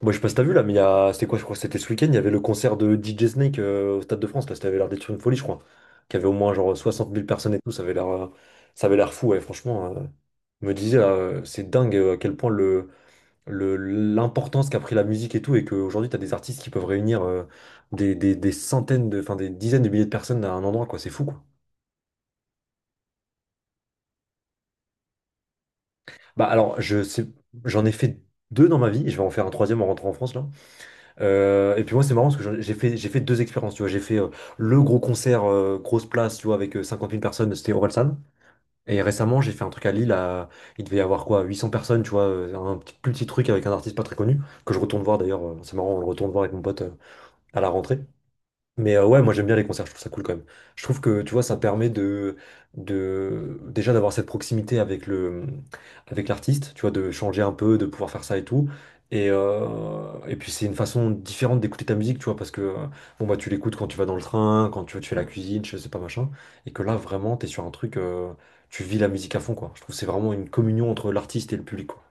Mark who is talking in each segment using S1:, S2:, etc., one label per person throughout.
S1: Moi, je sais pas si t'as vu là, mais il y a... c'était quoi, je crois, que c'était ce week-end, il y avait le concert de DJ Snake au Stade de France, là, ça avait l'air d'être une folie, je crois. Qu'il y avait au moins genre 60 000 personnes et tout, ça avait l'air fou, ouais, franchement. Je me disais, là, c'est dingue à quel point l'importance qu'a pris la musique et tout, et qu'aujourd'hui, t'as des artistes qui peuvent réunir des centaines de, enfin des dizaines de milliers de personnes à un endroit, quoi, c'est fou, quoi. Bah alors, je sais, j'en ai fait 2 dans ma vie, et je vais en faire un troisième en rentrant en France, là. Et puis moi c'est marrant parce que j'ai fait deux expériences, tu vois. J'ai fait le gros concert, grosse place, tu vois, avec 50 000 personnes, c'était Orelsan, et récemment j'ai fait un truc à Lille à- il devait y avoir quoi 800 personnes, tu vois, un petit, plus petit truc avec un artiste pas très connu que je retourne voir d'ailleurs. C'est marrant, on le retourne voir avec mon pote à la rentrée. Mais ouais, moi j'aime bien les concerts, je trouve ça cool quand même. Je trouve que, tu vois, ça permet de déjà d'avoir cette proximité avec le, avec l'artiste, tu vois, de changer un peu, de pouvoir faire ça et tout. Et puis c'est une façon différente d'écouter ta musique, tu vois, parce que bon bah tu l'écoutes quand tu vas dans le train, quand tu fais la cuisine, je sais pas machin, et que là vraiment t'es sur un truc, tu vis la musique à fond, quoi. Je trouve que c'est vraiment une communion entre l'artiste et le public, quoi.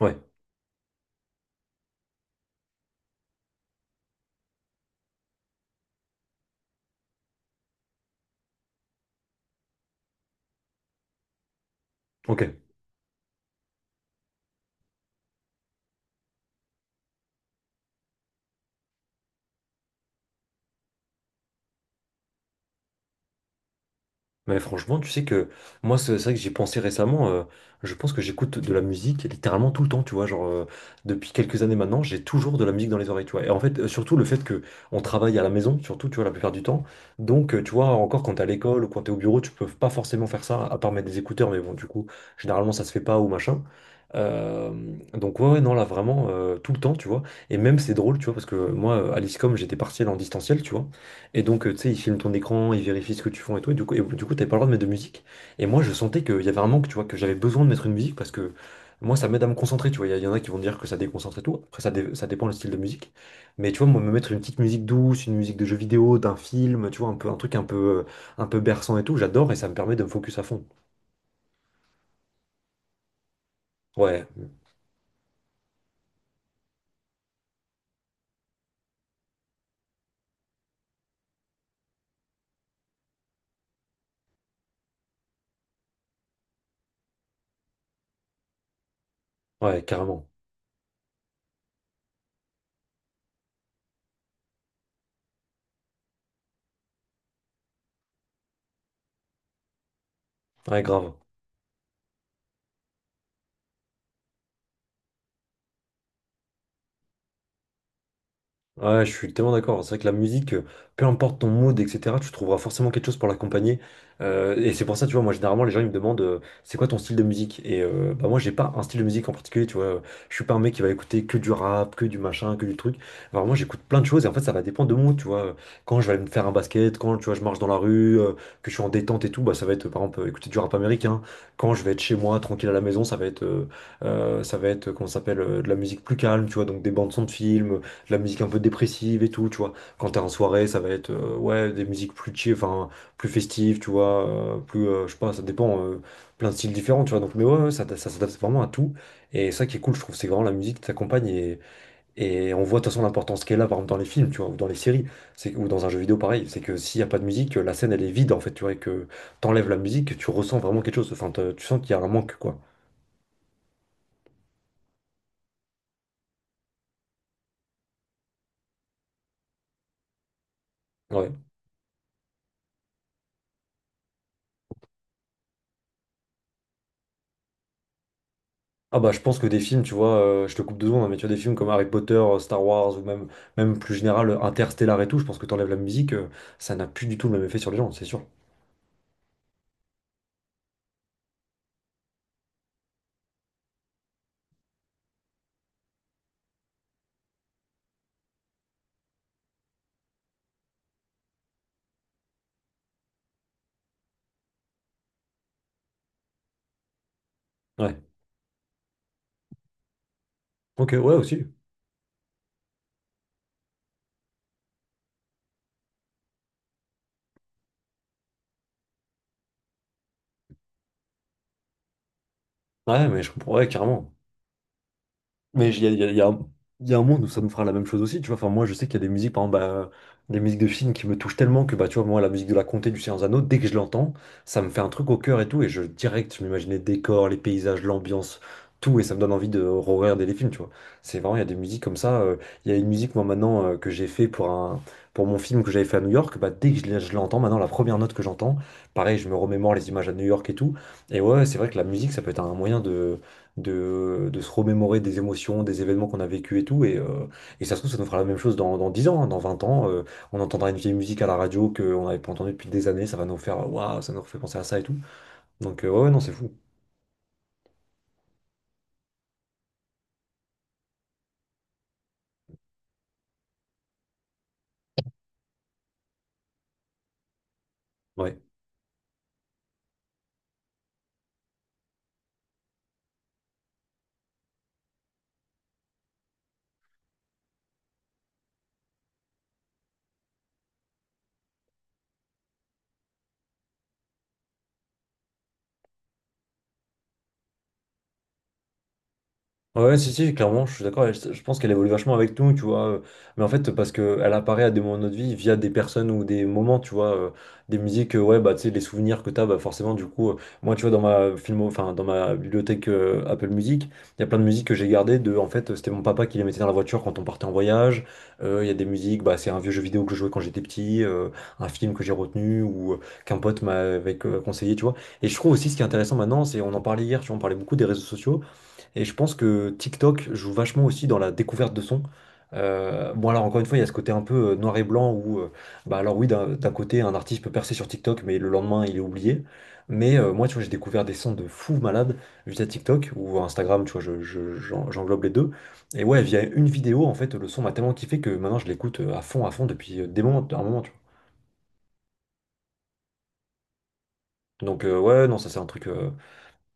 S1: Ouais, ok. Mais franchement, tu sais que moi, c'est vrai que j'y ai pensé récemment. Je pense que j'écoute de la musique littéralement tout le temps, tu vois. Genre, depuis quelques années maintenant, j'ai toujours de la musique dans les oreilles, tu vois. Et en fait, surtout le fait que on travaille à la maison, surtout, tu vois, la plupart du temps. Donc, tu vois, encore quand t'es à l'école ou quand t'es au bureau, tu peux pas forcément faire ça, à part mettre des écouteurs. Mais bon, du coup, généralement, ça se fait pas ou machin. Euh, donc ouais, ouais, non là vraiment tout le temps, tu vois. Et même c'est drôle, tu vois, parce que moi à l'ISCOM j'étais partiel en distanciel, tu vois, et donc, tu sais, ils filment ton écran, ils vérifient ce que tu fais et tout. Et du coup, t'avais pas le droit de mettre de musique. Et moi, je sentais qu'il y avait un manque, tu vois, que j'avais besoin de mettre une musique parce que moi, ça m'aide à me concentrer, tu vois. Il y en a qui vont dire que ça déconcentre et tout. Après, ça dépend le style de musique. Mais tu vois, moi, me mettre une petite musique douce, une musique de jeu vidéo, d'un film, tu vois, un peu, un truc un peu berçant et tout, j'adore, et ça me permet de me focus à fond. Ouais, ouais, carrément. Ouais, grave. Ouais, je suis tellement d'accord. C'est vrai que la musique, peu importe ton mood, etc., tu trouveras forcément quelque chose pour l'accompagner. Et c'est pour ça, tu vois, moi, généralement, les gens, ils me demandent, c'est quoi ton style de musique? Et bah, moi, j'ai pas un style de musique en particulier, tu vois. Je suis pas un mec qui va écouter que du rap, que du machin, que du truc. Alors, moi, j'écoute plein de choses et en fait, ça va dépendre de mon mood, tu vois. Quand je vais aller me faire un basket, quand, tu vois, je marche dans la rue, que je suis en détente et tout, bah, ça va être, par exemple, écouter du rap américain. Quand je vais être chez moi, tranquille à la maison, ça va être, comment ça s'appelle, de la musique plus calme, tu vois, donc des bandes son de films, la musique un peu dépressive et tout, tu vois. Quand t'es en soirée, ça va être ouais, des musiques plus chill, enfin, plus festives, tu vois, je sais pas, ça dépend, plein de styles différents, tu vois. Donc, mais ouais, ouais, ça s'adapte vraiment à tout. Et ça qui est cool, je trouve, c'est vraiment la musique qui t'accompagne, et on voit de toute façon l'importance qu'elle a, par exemple, dans les films, tu vois, ou dans les séries, c'est, ou dans un jeu vidéo pareil. C'est que s'il y a pas de musique, la scène, elle est vide, en fait, tu vois, et que t'enlèves la musique, tu ressens vraiment quelque chose. Enfin, tu sens qu'il y a un manque, quoi. Ouais. Ah bah je pense que des films, tu vois, je te coupe deux secondes, hein, mais tu vois des films comme Harry Potter, Star Wars ou même, même plus général, Interstellar et tout, je pense que t'enlèves la musique, ça n'a plus du tout le même effet sur les gens, c'est sûr. Ouais. Ok, ouais aussi. Ouais, mais je comprends, ouais, carrément. Mais il y a un monde où ça nous fera la même chose aussi, tu vois. Enfin, moi, je sais qu'il y a des musiques, par exemple, des musiques de films qui me touchent tellement que, bah, tu vois, moi, la musique de La Comté du Seigneur des Anneaux, dès que je l'entends, ça me fait un truc au cœur et tout. Et je, direct, je m'imagine les décors, les paysages, l'ambiance, tout. Et ça me donne envie de regarder les films, tu vois. C'est vraiment, il y a des musiques comme ça. Il y a une musique, moi, maintenant, que j'ai fait pour un, pour mon film que j'avais fait à New York. Bah, dès que je l'entends, maintenant, la première note que j'entends, pareil, je me remémore les images à New York et tout. Et ouais, c'est vrai que la musique, ça peut être un moyen de se remémorer des émotions, des événements qu'on a vécu et tout. Et ça se trouve, ça nous fera la même chose dans, dans 10 ans, hein, dans 20 ans. On entendra une vieille musique à la radio qu'on n'avait pas entendue depuis des années. Ça va nous faire, waouh, ça nous refait penser à ça et tout. Donc, ouais, ouais, non, c'est fou. Ouais. Ouais, ouais, si, si, clairement, je suis d'accord. Et je pense qu'elle évolue vachement avec nous, tu vois. Mais en fait, parce qu'elle apparaît à des moments de notre vie via des personnes ou des moments, tu vois. Des musiques, ouais, bah, tu sais, les souvenirs que t'as, bah, forcément, du coup, moi, tu vois, dans ma film, enfin, dans ma bibliothèque Apple Music, il y a plein de musiques que j'ai gardées de, en fait, c'était mon papa qui les mettait dans la voiture quand on partait en voyage. Il y a des musiques, bah, c'est un vieux jeu vidéo que je jouais quand j'étais petit, un film que j'ai retenu ou qu'un pote m'avait conseillé, tu vois. Et je trouve aussi ce qui est intéressant maintenant, c'est, on en parlait hier, tu vois, on parlait beaucoup des réseaux sociaux. Et je pense que TikTok joue vachement aussi dans la découverte de sons. Bon alors encore une fois, il y a ce côté un peu noir et blanc où, bah alors oui, d'un côté, un artiste peut percer sur TikTok, mais le lendemain, il est oublié. Mais moi, tu vois, j'ai découvert des sons de fous malades via TikTok ou Instagram, tu vois, j'englobe les deux. Et ouais, via une vidéo, en fait, le son m'a tellement kiffé que maintenant, je l'écoute à fond depuis un moment, tu vois. Donc ouais, non, ça c'est un truc.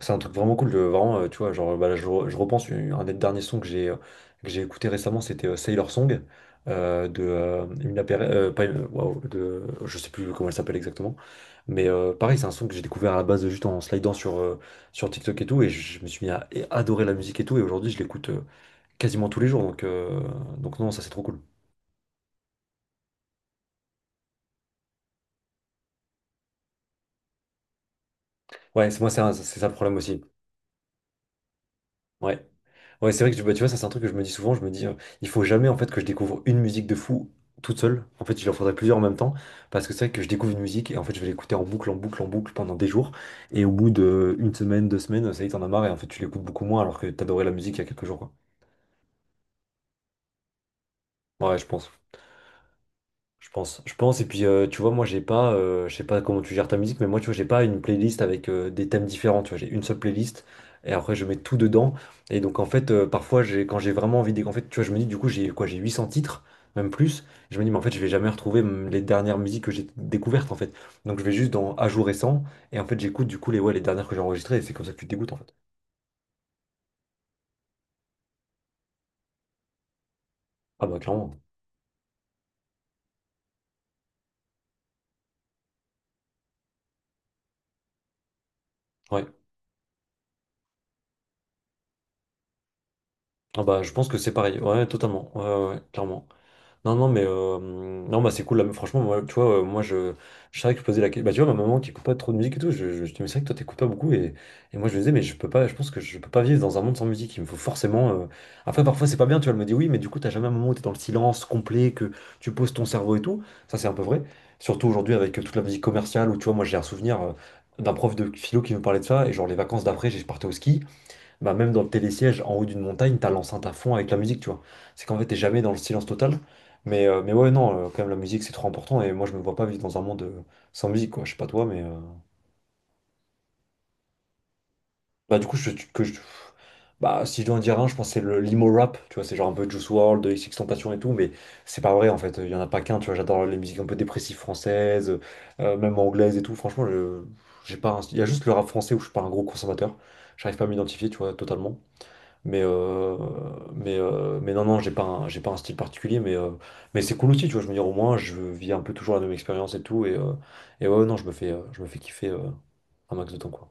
S1: C'est un truc vraiment cool, de, vraiment, tu vois, genre, bah, là, je repense, un des derniers sons que j'ai écouté récemment, c'était Sailor Song, de Emina Pere- pas Emina- waouh, de, je sais plus comment elle s'appelle exactement, mais pareil, c'est un son que j'ai découvert à la base juste en slidant sur TikTok et tout, et me suis mis à et adorer la musique et tout, et aujourd'hui, je l'écoute quasiment tous les jours, donc non, ça c'est trop cool. Ouais, c'est moi, c'est ça le problème aussi. Ouais. Ouais, c'est vrai que bah, tu vois, ça c'est un truc que je me dis souvent, il faut jamais en fait que je découvre une musique de fou toute seule. En fait, il en faudrait plusieurs en même temps, parce que c'est vrai que je découvre une musique et en fait je vais l'écouter en boucle, en boucle, en boucle pendant des jours. Et au bout de une semaine, 2 semaines, ça y est, t'en as marre et en fait tu l'écoutes beaucoup moins alors que t'adorais la musique il y a quelques jours, quoi. Ouais, je pense. Je pense, je pense. Et puis, tu vois, moi, j'ai pas, je sais pas comment tu gères ta musique, mais moi, tu vois, j'ai pas une playlist avec des thèmes différents. Tu vois, j'ai une seule playlist et après, je mets tout dedans. Et donc, en fait, parfois, quand j'ai vraiment envie, de, en fait, tu vois, je me dis, du coup, j'ai quoi, j'ai 800 titres, même plus. Je me dis, mais en fait, je vais jamais retrouver les dernières musiques que j'ai découvertes, en fait. Donc, je vais juste dans à jour récent et en fait, j'écoute du coup les, ouais, les dernières que j'ai enregistrées. Et c'est comme ça que tu te dégoûtes, en fait. Ah bah, clairement. Ouais. Ah bah, je pense que c'est pareil. Ouais, totalement. Ouais, ouais, ouais, clairement. Non, non, non, bah c'est cool. Là, franchement, moi, tu vois, moi, je savais que je posais la question. Bah, tu vois, ma maman qui écoute pas trop de musique et tout, je dis, mais c'est vrai que toi, t'écoutes pas beaucoup. Et moi, je lui disais, mais je peux pas, je pense que je peux pas vivre dans un monde sans musique. Il me faut forcément. Après, parfois, c'est pas bien, tu vois. Elle me dit, oui, mais du coup, t'as jamais un moment où t'es dans le silence complet, que tu poses ton cerveau et tout. Ça, c'est un peu vrai. Surtout aujourd'hui, avec toute la musique commerciale, où tu vois, moi, j'ai un souvenir d'un prof de philo qui me parlait de ça. Et genre, les vacances d'après, j'ai partais au ski. Bah même dans le télésiège, en haut d'une montagne, t'as l'enceinte à fond avec la musique, tu vois. C'est qu'en fait, t'es jamais dans le silence total. Mais ouais, non, quand même, la musique, c'est trop important. Et moi, je me vois pas vivre dans un monde sans musique, quoi. Je sais pas toi, mais... Bah du coup, Bah si je dois en dire un, je pense que c'est le l'emo rap, tu vois. C'est genre un peu Juice World WRLD, XXXTentacion et tout. Mais c'est pas vrai, en fait. Il y en a pas qu'un, tu vois. J'adore les musiques un peu dépressives françaises, même anglaises et tout. Franchement, j'ai pas... Il y a juste le rap français où je suis pas un gros consommateur. J'arrive pas à m'identifier, tu vois, totalement. Mais, euh, mais non, non, j'ai pas un style particulier, mais c'est cool aussi, tu vois. Je veux dire, au moins, je vis un peu toujours la même expérience et tout. Et ouais, ouais, non, je me fais kiffer un max de temps, quoi.